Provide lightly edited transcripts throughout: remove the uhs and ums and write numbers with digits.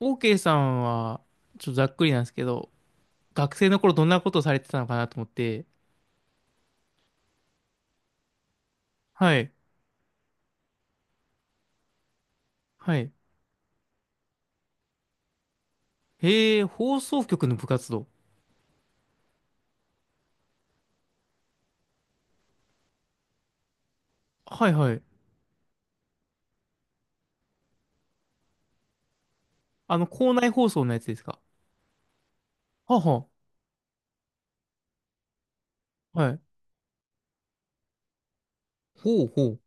OK さんは、ちょっとざっくりなんですけど、学生の頃どんなことをされてたのかなと思って、はい、はい。へえ、放送局の部活動。はいはい。あの、校内放送のやつですか？はあはあ、はい。ほうほう、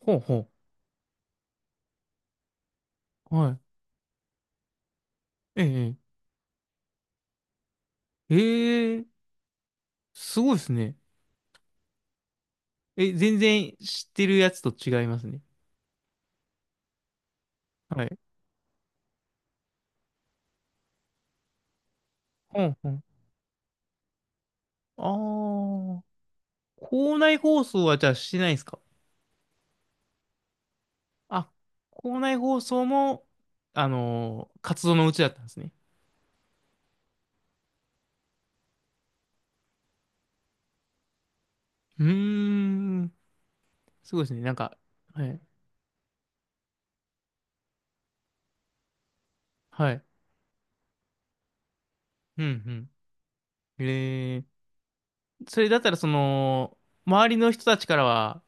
ほうほう、はい。ええ、ええへえ、すごいですね。え、全然知ってるやつと違いますね。はい。ほんほん。ああ、校内放送はじゃあしてないんですか？あ、校内放送も、活動のうちだったんですね。うーん。すごいですね。なんか、はい。はい。うん、うん。えー、それだったら、その、周りの人たちからは、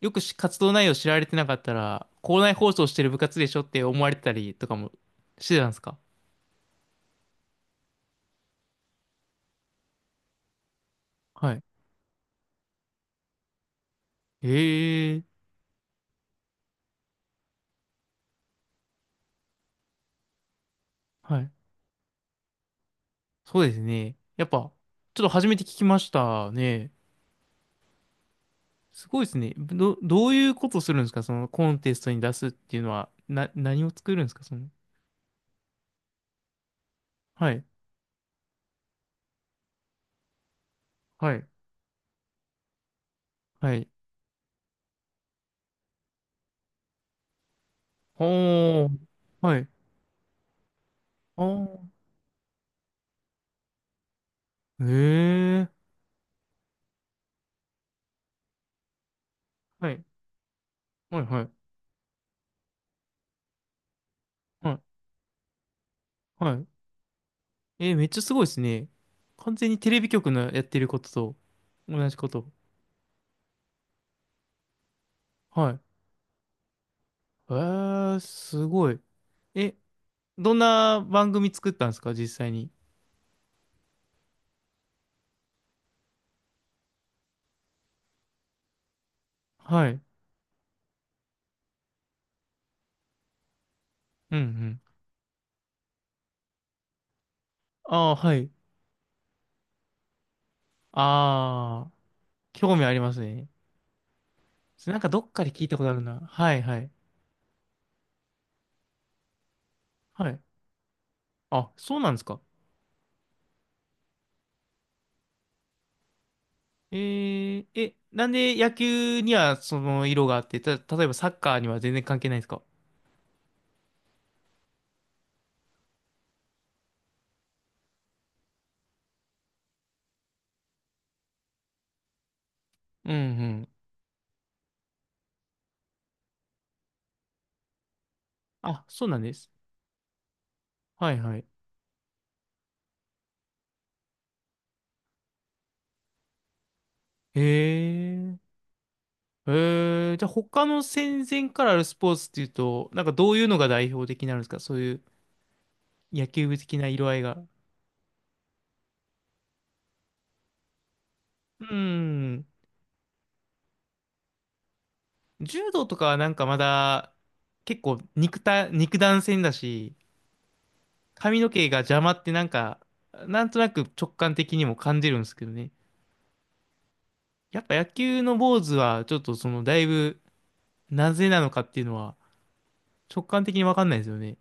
よくし活動内容知られてなかったら、校内放送してる部活でしょって思われてたりとかもしてたんですか？はい。えー、はい。そうですね。やっぱ、ちょっと初めて聞きましたね。すごいですね。どういうことするんですか、そのコンテストに出すっていうのは、何を作るんですか、その。はい。はい。はい。おー、はい。おー、えー、はい、はい、はい、はい、はい。えー、めっちゃすごいですね。完全にテレビ局のやってることと同じこと。はい。えー、すごい。え、どんな番組作ったんですか、実際に？はい。うん、うん。ああ、はい。ああ、興味ありますね。なんかどっかで聞いたことあるな。はい、はい。はい。あ、そうなんですか？え、なんで野球にはその色があって、例えばサッカーには全然関係ないですか？うんうん。あ、そうなんです。はいはい。へえ、へえ、じゃあ他の戦前からあるスポーツっていうと、なんかどういうのが代表的になるんですか、そういう野球部的な色合いが。うん。柔道とかはなんかまだ結構肉弾戦だし、髪の毛が邪魔ってなんか、なんとなく直感的にも感じるんですけどね。やっぱ野球の坊主は、ちょっとその、だいぶ、なぜなのかっていうのは、直感的にわかんないですよね。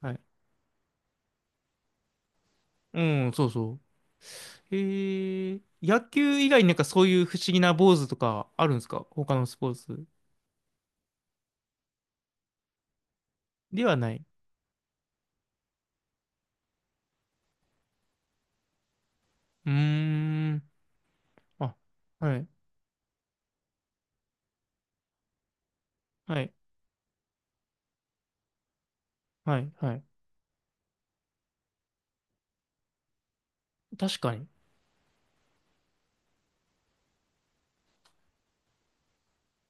はい。うん、そうそう。へえ、野球以外になんかそういう不思議な坊主とかあるんですか、他のスポーツでは？ない。うーん。あ、はい、はい、はい、はい。確かに。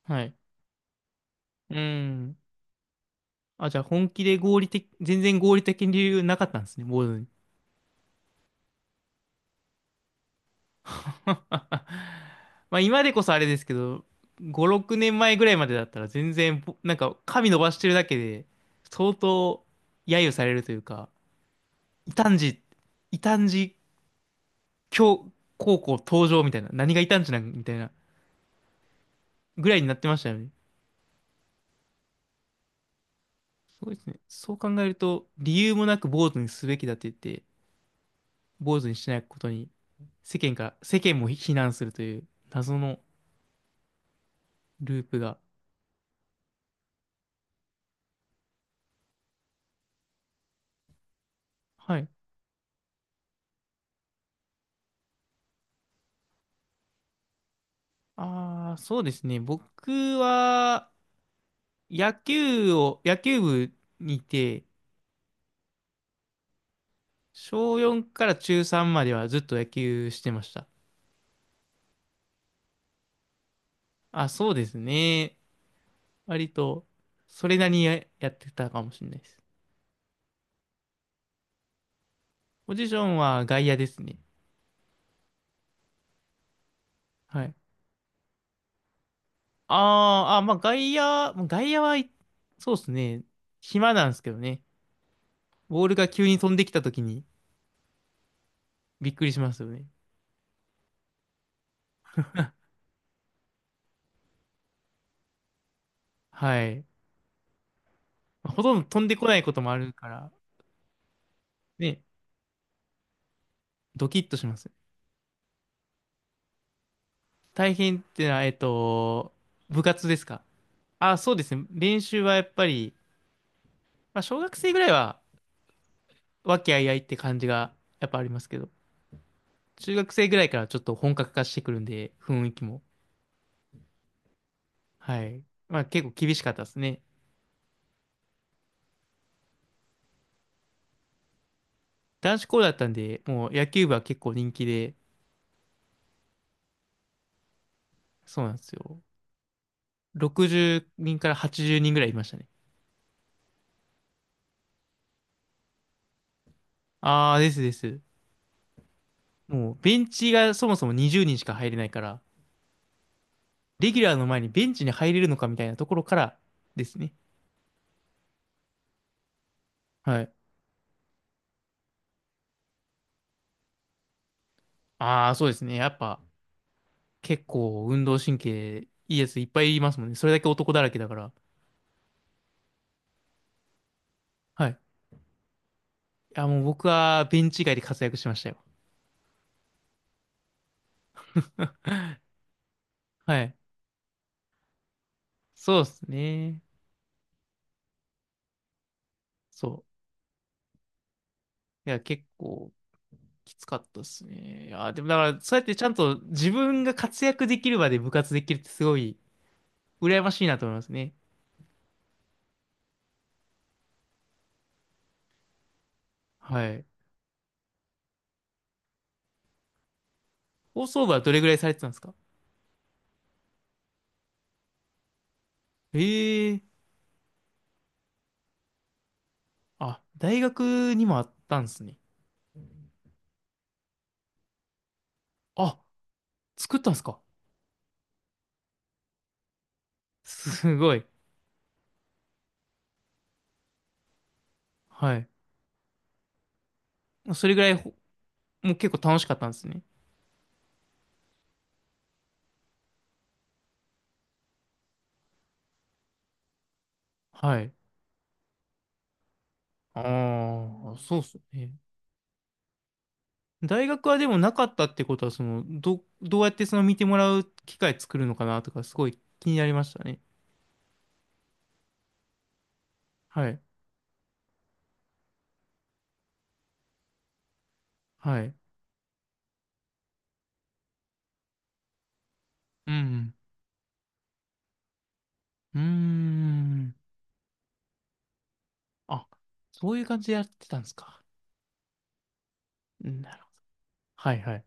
はい。うーん。あ、じゃあ本気で合理的、全然合理的に理由なかったんですね、坊主に。まあ今でこそあれですけど、5、6年前ぐらいまでだったら全然、なんか髪伸ばしてるだけで、相当揶揄されるというか、異端児、異端児教高校登場みたいな、何が異端児なんみたいなぐらいになってましたよね。すごいですね。そう考えると、理由もなく坊主にすべきだって言って、坊主にしないことに、世間も非難するという謎のループが。はい。ああ、そうですね。僕は、野球部にいて、小4から中3まではずっと野球してました。あ、そうですね。割と、それなりにややってたかもしれないです。ポジションは外野ですね。はい。あーあ、まあ外野、もう外野は、いそうですね。暇なんですけどね。ボールが急に飛んできた時にびっくりしますよね。はい。まあほとんど飛んでこないこともあるから、ね、ドキッとします。大変ってのは、部活ですか？あ、そうですね。練習はやっぱり、まあ、小学生ぐらいは和気あいあいって感じがやっぱありますけど、中学生ぐらいからちょっと本格化してくるんで、雰囲気も。はい。まあ結構厳しかったですね。男子校だったんで、もう野球部は結構人気で、そうなんですよ。60人から80人ぐらいいましたね。ああ、ですです。もうベンチがそもそも20人しか入れないから、レギュラーの前にベンチに入れるのかみたいなところからですね。はい。ああ、そうですね。やっぱ、結構運動神経いいやついっぱいいますもんね。それだけ男だらけだから。はい。いや、もう僕はベンチ外で活躍しましたよ。はい。そうですね。そう。いや、結構きつかったですね。いや、でもだから、そうやってちゃんと自分が活躍できる場で部活できるってすごい羨ましいなと思いますね。はい。放送部はどれぐらいされてたんですか？ええ、あ、大学にもあったんですね。あ、作ったんですか？すごい。はい。それぐらいもう結構楽しかったんですね。はい。ああ、そうっすね。大学はでもなかったってことは、その、どうやってその見てもらう機会作るのかなとか、すごい気になりましたね。はい。はい。うん。うーん。あ、そういう感じでやってたんですか。なるほど。はいはい。